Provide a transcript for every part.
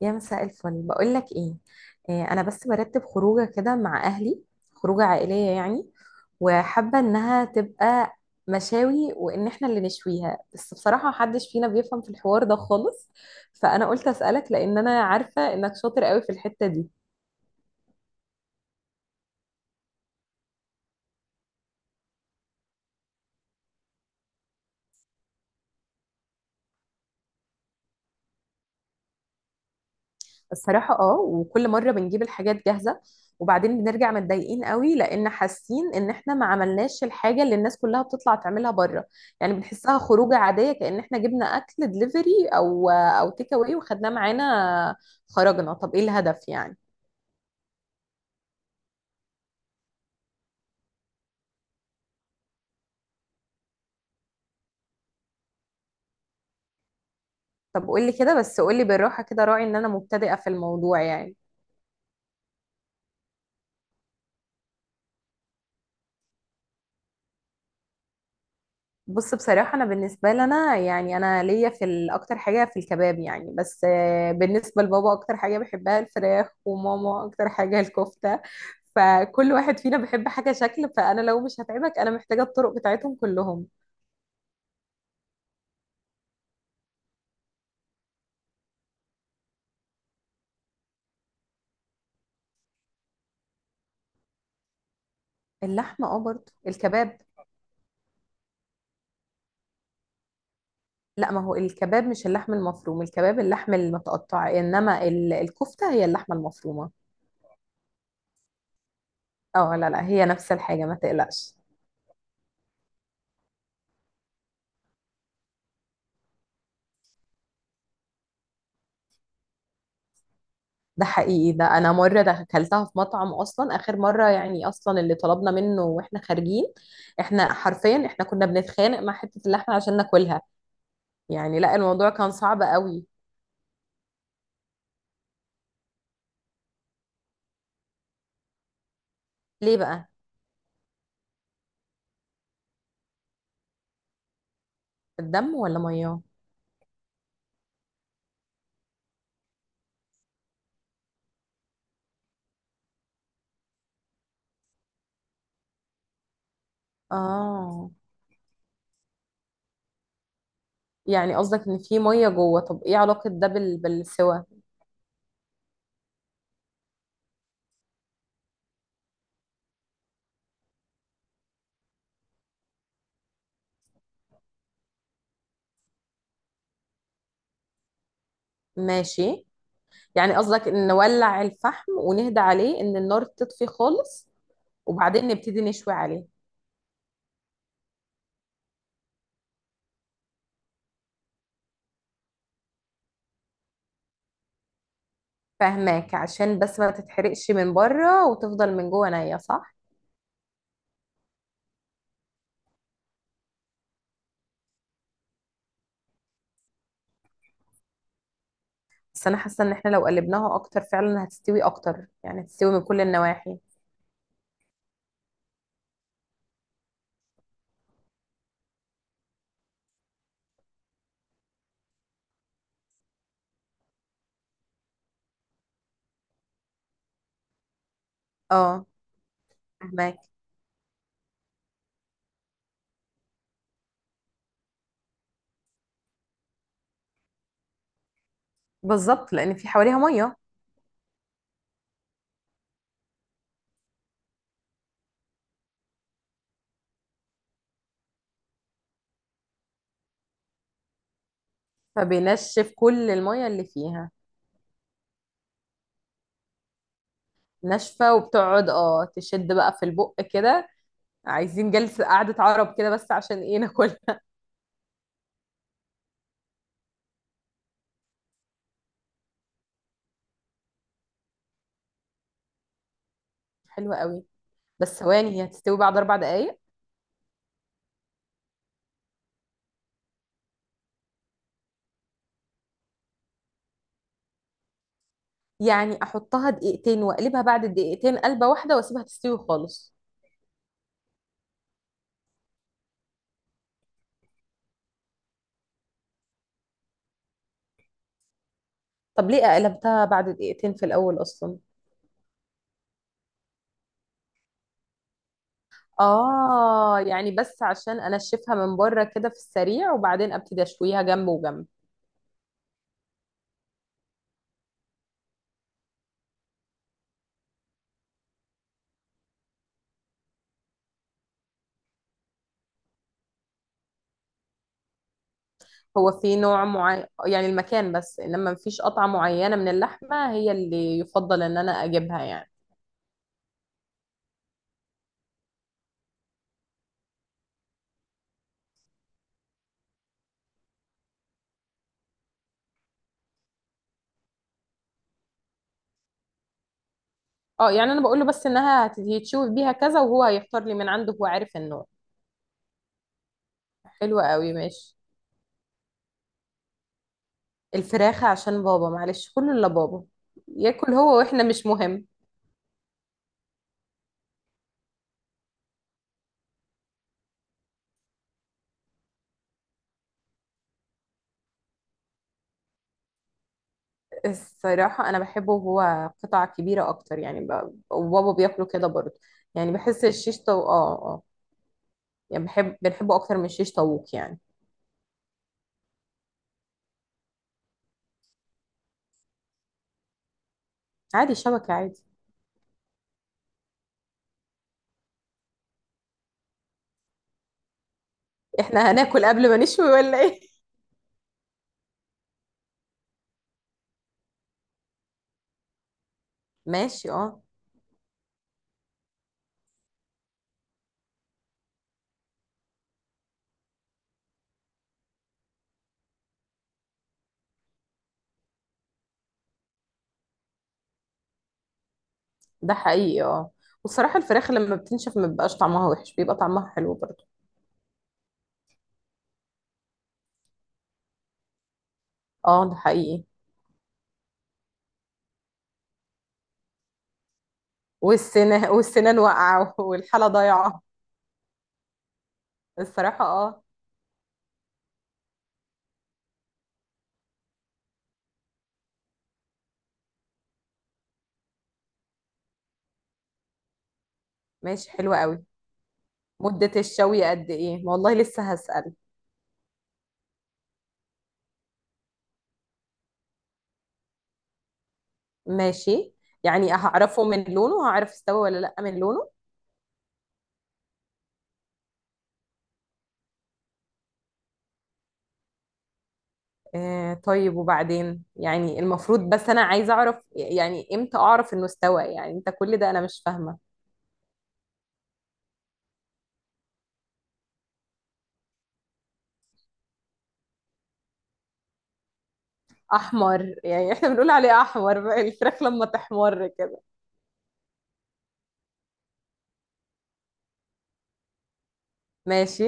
يا مساء الفل، بقول لك ايه. آه، انا بس برتب خروجه كده مع اهلي. خروجه عائليه يعني، وحابه انها تبقى مشاوي وان احنا اللي نشويها، بس بصراحه محدش فينا بيفهم في الحوار ده خالص. فانا قلت اسالك، لان انا عارفه انك شاطر قوي في الحته دي. الصراحة اه، وكل مرة بنجيب الحاجات جاهزة وبعدين بنرجع متضايقين قوي، لان حاسين ان احنا ما عملناش الحاجة اللي الناس كلها بتطلع تعملها بره. يعني بنحسها خروجة عادية، كأن احنا جبنا اكل دليفري او تيك اواي وخدناه معانا. خرجنا، طب ايه الهدف يعني؟ طب قولي كده، بس قولي بالراحة كده، راعي ان انا مبتدئة في الموضوع يعني. بص، بصراحة أنا بالنسبة لنا يعني أنا ليا في أكتر حاجة في الكباب يعني، بس آه، بالنسبة لبابا أكتر حاجة بحبها الفراخ، وماما أكتر حاجة الكفتة. فكل واحد فينا بيحب حاجة شكل، فأنا لو مش هتعبك أنا محتاجة الطرق بتاعتهم كلهم. اللحمة أه، برضه الكباب. لا، ما هو الكباب مش اللحم المفروم، الكباب اللحم المتقطع، إنما الكفتة هي اللحمة المفرومة. أه لا لا، هي نفس الحاجة، ما تقلقش. ده حقيقي. ده انا مره ده اكلتها في مطعم، اصلا اخر مره يعني، اصلا اللي طلبنا منه واحنا خارجين، احنا حرفيا كنا بنتخانق مع حته اللحمه عشان ناكلها. يعني لا، الموضوع كان صعب قوي. ليه بقى؟ الدم ولا ميه؟ اه، يعني قصدك ان في ميه جوه. طب ايه علاقه ده بال... بالسوى؟ ماشي. يعني قصدك ان نولع الفحم ونهدى عليه، ان النار تطفي خالص، وبعدين نبتدي نشوي عليه. فاهماك، عشان بس ما تتحرقش من بره وتفضل من جوه نية، صح؟ بس انا حاسه ان احنا لو قلبناها اكتر فعلا هتستوي اكتر، يعني هتستوي من كل النواحي. اه، فهماك. بالظبط، لان في حواليها ميه، فبينشف كل الميه اللي فيها. ناشفه، وبتقعد اه تشد بقى في البق كده، عايزين جلسه قعده عرب كده بس عشان ايه ناكلها. حلوه قوي. بس ثواني، هي هتستوي بعد اربع دقايق؟ يعني احطها دقيقتين واقلبها بعد الدقيقتين قلبه واحده واسيبها تستوي خالص؟ طب ليه قلبتها بعد دقيقتين في الاول اصلا؟ اه، يعني بس عشان انشفها من بره كده في السريع، وبعدين ابتدي اشويها جنب وجنب. هو في نوع معين يعني المكان، بس انما مفيش قطعة معينة من اللحمة هي اللي يفضل ان انا اجيبها يعني؟ اه، يعني انا بقول له بس انها هيتشوي بيها كذا، وهو هيختار لي من عنده، هو عارف النوع. حلو قوي، ماشي. الفراخة، عشان بابا معلش، كله الا بابا. ياكل هو، واحنا مش مهم. الصراحة أنا بحبه وهو قطع كبيرة أكتر، يعني وبابا بياكله كده برضه. يعني بحس الشيش آه آه. يعني بحب، بنحبه أكتر من الشيش طاووق يعني. عادي، شبكة عادي. إحنا هناكل قبل ما نشوي ولا إيه؟ ماشي، آه. ده حقيقي، آه. والصراحة الفراخ لما بتنشف ما بيبقاش طعمها وحش، بيبقى طعمها حلو برضه. آه، ده حقيقي. والسنان والسنان واقعة والحالة ضايعة. الصراحة آه. ماشي، حلوة قوي. مدة الشوي قد إيه؟ والله لسه هسأل. ماشي. يعني هعرفه من لونه؟ هعرف استوى ولا لأ من لونه؟ آه، طيب. وبعدين يعني المفروض، بس أنا عايزة أعرف يعني إمتى أعرف إنه استوى، يعني أنت كل ده أنا مش فاهمة. أحمر، يعني إحنا بنقول عليه أحمر الفراخ لما تحمر كده. ماشي.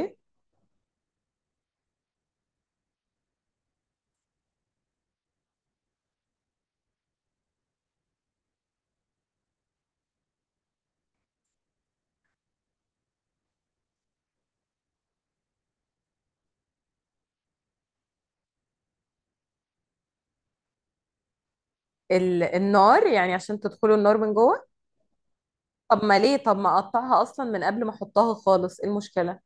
النار يعني عشان تدخلوا النار من جوه. طب ما ليه، طب ما أقطعها أصلا من قبل ما أحطها خالص، إيه المشكلة؟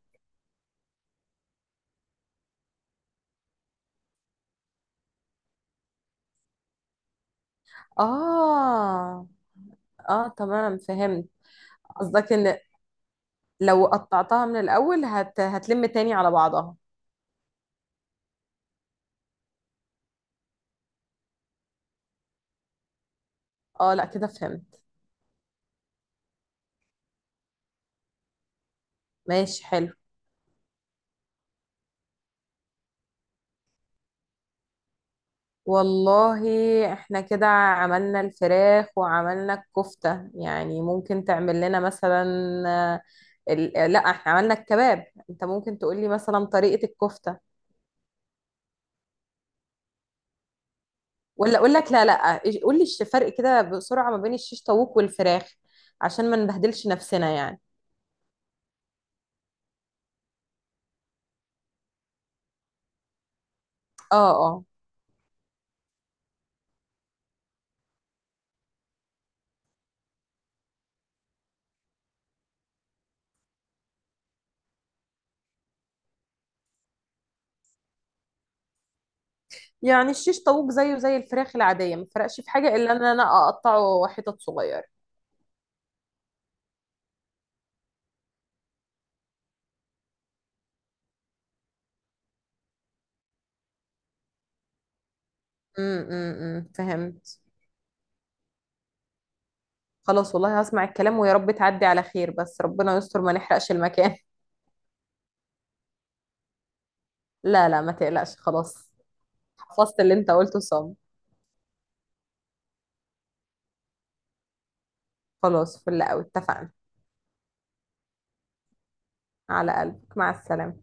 آه. آه تمام، فهمت. قصدك إن لو قطعتها من الأول هتلم تاني على بعضها. اه لا كده فهمت. ماشي، حلو. والله احنا كده عملنا الفراخ وعملنا الكفتة، يعني ممكن تعمل لنا مثلا آه، آه، لا احنا عملنا الكباب، انت ممكن تقولي مثلا طريقة الكفتة. ولا اقول لك، لا لا، قولي فرق كده بسرعة ما بين الشيش طاووق والفراخ، عشان ما نبهدلش نفسنا يعني. اه اه. يعني الشيش طاووق زيه زي الفراخ العادية، ما فرقش في حاجة الا ان انا اقطعه حتت صغيرة. فهمت. خلاص والله، هسمع الكلام ويا رب تعدي على خير، بس ربنا يستر ما نحرقش المكان. لا لا، ما تقلقش، خلاص. حفظت اللي انت قلته صم. خلاص، فل قوي، اتفقنا. على قلبك، مع السلامة.